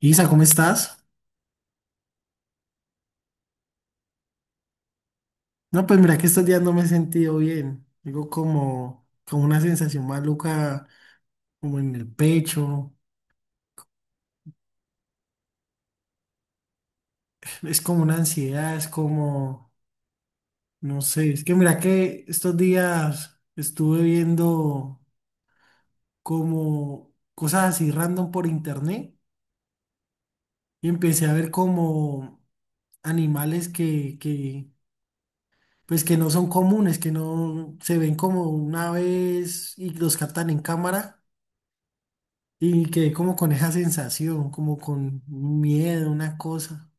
Isa, ¿cómo estás? No, pues mira que estos días no me he sentido bien. Digo como una sensación maluca, como en el pecho. Es como una ansiedad, es como, no sé, es que mira que estos días estuve viendo como cosas así random por internet y empecé a ver como animales que pues que no son comunes, que no se ven como una vez y los captan en cámara. Y quedé como con esa sensación, como con un miedo, una cosa.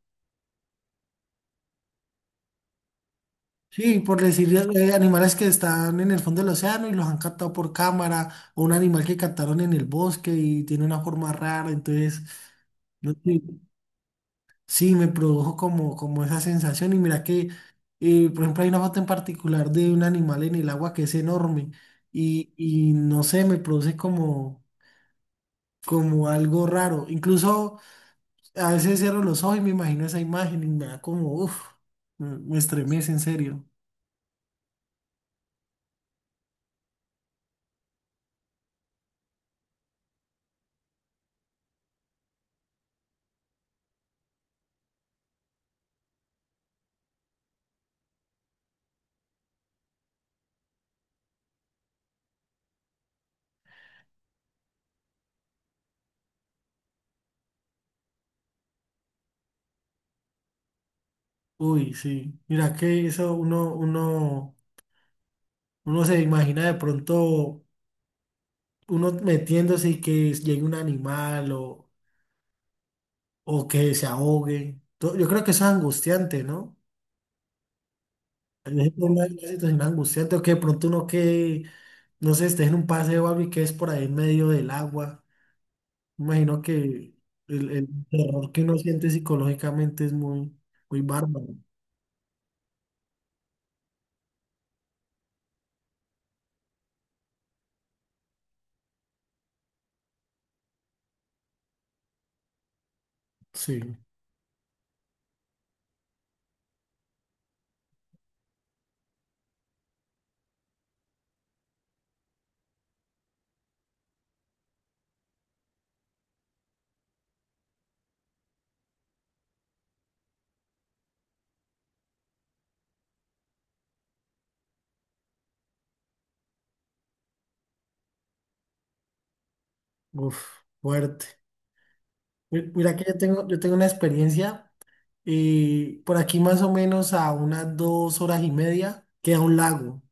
Sí, por decir animales que están en el fondo del océano y los han captado por cámara, o un animal que captaron en el bosque y tiene una forma rara. Entonces, no sé, sí, me produjo como, como esa sensación. Y mira que, por ejemplo, hay una foto en particular de un animal en el agua que es enorme y no sé, me produce como, como algo raro. Incluso, a veces cierro los ojos y me imagino esa imagen y me da como, uff, me estremece en serio. Uy, sí. Mira que eso uno se imagina de pronto uno metiéndose y que llegue un animal o que se ahogue. Yo creo que eso es angustiante, ¿no? Es una situación angustiante, o que de pronto uno que, no sé, esté en un paseo o algo y que es por ahí en medio del agua. Imagino que el terror que uno siente psicológicamente es muy, muy bárbaro. Sí, uf, fuerte. Mira que yo tengo una experiencia. Por aquí más o menos a unas 2 horas y media queda un lago.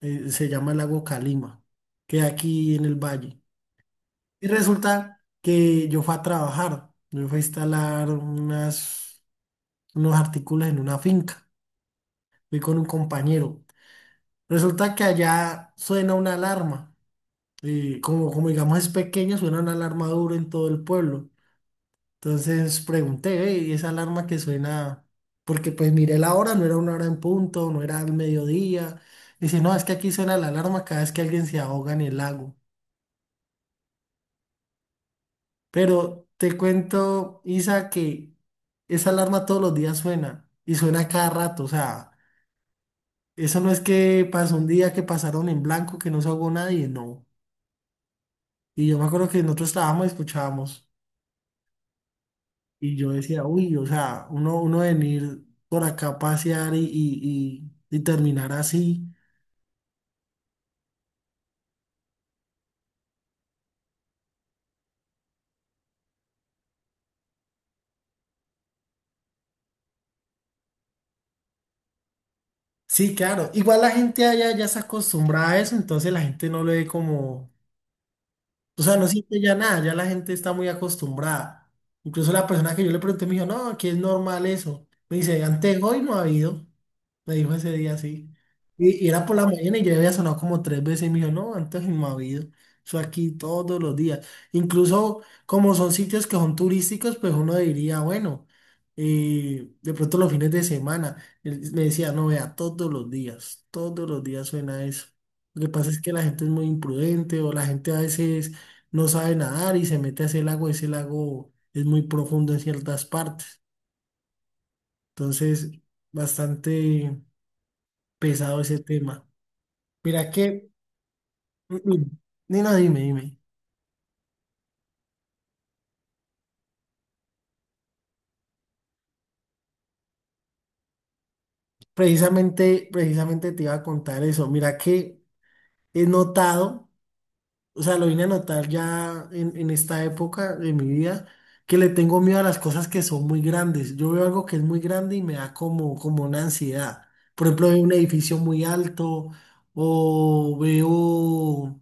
Se llama el lago Calima, queda aquí en el Valle. Y resulta que yo fui a trabajar, yo fui a instalar unas, unos artículos en una finca. Fui con un compañero. Resulta que allá suena una alarma. Como, como digamos es pequeño, suena una alarma duro en todo el pueblo. Entonces pregunté: "Ve, ¿y esa alarma que suena?". Porque pues miré la hora, no era una hora en punto, no era al mediodía. Dice: "No, es que aquí suena la alarma cada vez que alguien se ahoga en el lago". Pero te cuento, Isa, que esa alarma todos los días suena, y suena a cada rato. O sea, eso no es que pasó un día que pasaron en blanco, que no se ahogó nadie, no. Y yo me acuerdo que nosotros estábamos y escuchábamos. Y yo decía: "Uy, o sea, uno, uno venir por acá a pasear y terminar así". Sí, claro. Igual la gente allá ya se acostumbrada a eso, entonces la gente no lo ve como... O sea, no siente ya nada, ya la gente está muy acostumbrada. Incluso la persona que yo le pregunté me dijo: "No, aquí es normal eso". Me dice: "Antes hoy no ha habido". Me dijo ese día así. Y era por la mañana y yo había sonado como tres veces y me dijo: "No, antes no ha habido. Eso aquí todos los días". Incluso como son sitios que son turísticos, pues uno diría, bueno, de pronto los fines de semana. Él me decía: "No, vea, todos los días suena eso. Lo que pasa es que la gente es muy imprudente, o la gente a veces no sabe nadar y se mete a ese lago. Ese lago es muy profundo en ciertas partes". Entonces, bastante pesado ese tema. Mira que, Nina, dime, dime. Precisamente, precisamente te iba a contar eso. Mira que he notado, o sea, lo vine a notar ya en esta época de mi vida, que le tengo miedo a las cosas que son muy grandes. Yo veo algo que es muy grande y me da como, como una ansiedad. Por ejemplo, veo un edificio muy alto, o veo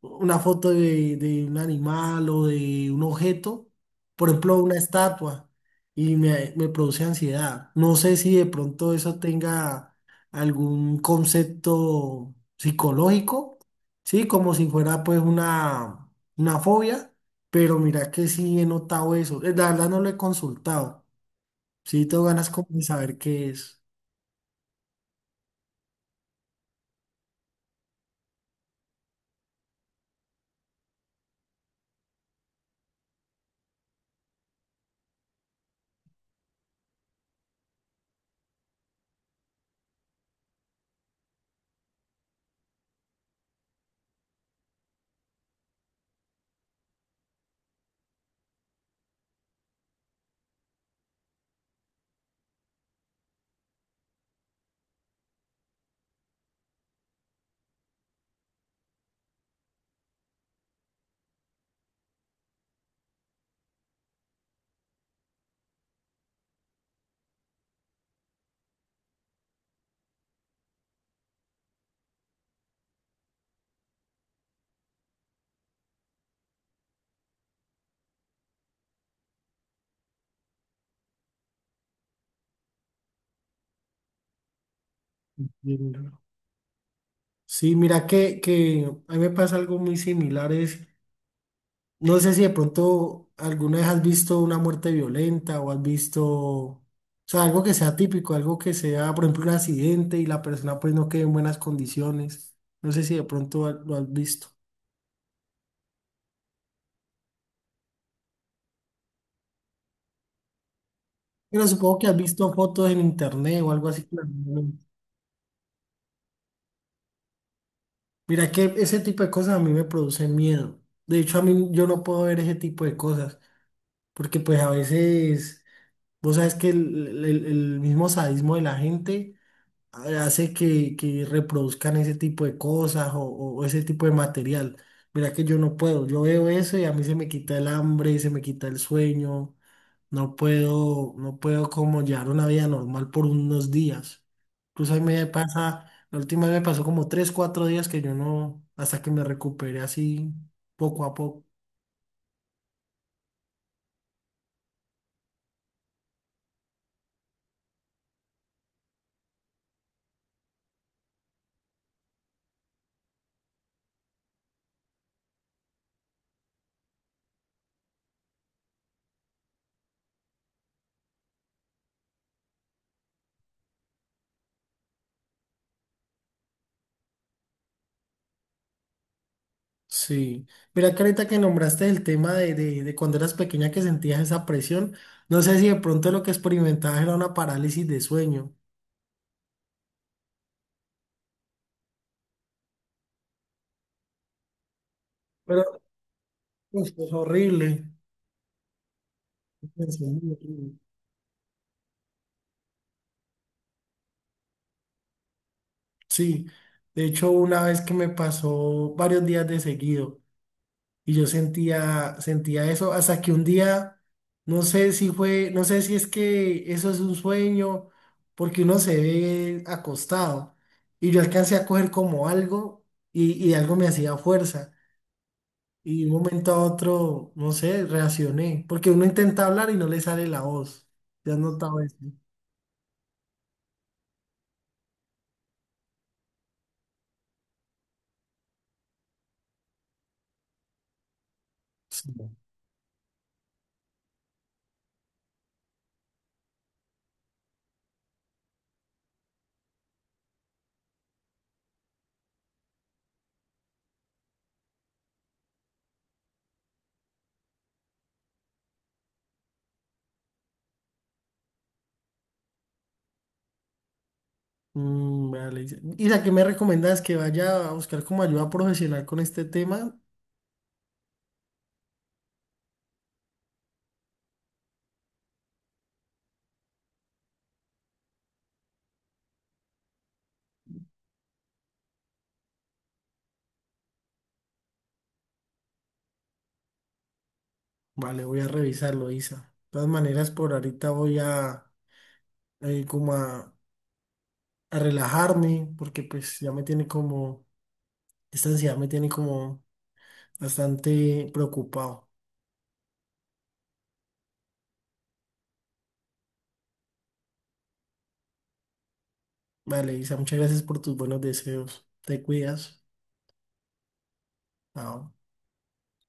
una foto de un animal o de un objeto, por ejemplo, una estatua, y me produce ansiedad. No sé si de pronto eso tenga algún concepto psicológico, ¿sí? Como si fuera pues una fobia, pero mira que sí he notado eso. La verdad no lo he consultado. Sí, tengo ganas como de saber qué es. Bien. Sí, mira que a mí me pasa algo muy similar. No sé si de pronto alguna vez has visto una muerte violenta, o has visto, o sea, algo que sea típico, algo que sea, por ejemplo, un accidente y la persona pues no quede en buenas condiciones. No sé si de pronto lo has visto. Pero supongo que has visto fotos en internet o algo así, claro, ¿no? Mira que ese tipo de cosas a mí me producen miedo. De hecho, a mí, yo no puedo ver ese tipo de cosas, porque pues a veces, vos sabes que el mismo sadismo de la gente hace que reproduzcan ese tipo de cosas, o ese tipo de material. Mira que yo no puedo, yo veo eso y a mí se me quita el hambre, se me quita el sueño, no puedo, no puedo como llevar una vida normal por unos días. Incluso ahí me pasa, la última vez me pasó como 3, 4 días que yo no, hasta que me recuperé así poco a poco. Sí, mira que ahorita que nombraste el tema de cuando eras pequeña que sentías esa presión, no sé si de pronto lo que experimentabas era una parálisis de sueño, pero pues es horrible, es muy horrible. Sí, de hecho, una vez que me pasó varios días de seguido. Y yo sentía, sentía eso hasta que un día, no sé si fue, no sé si es que eso es un sueño, porque uno se ve acostado. Y yo alcancé a coger como algo y algo me hacía fuerza. Y de un momento a otro, no sé, reaccioné, porque uno intenta hablar y no le sale la voz. ¿Te has notado eso? Sí. Mm, vale. ¿Y a qué me recomiendas que vaya a buscar como ayuda profesional con este tema? Vale, voy a revisarlo, Isa. De todas maneras, por ahorita voy a como a relajarme, porque pues ya me tiene como, esta ansiedad me tiene como bastante preocupado. Vale, Isa, muchas gracias por tus buenos deseos. Te cuidas. Chao.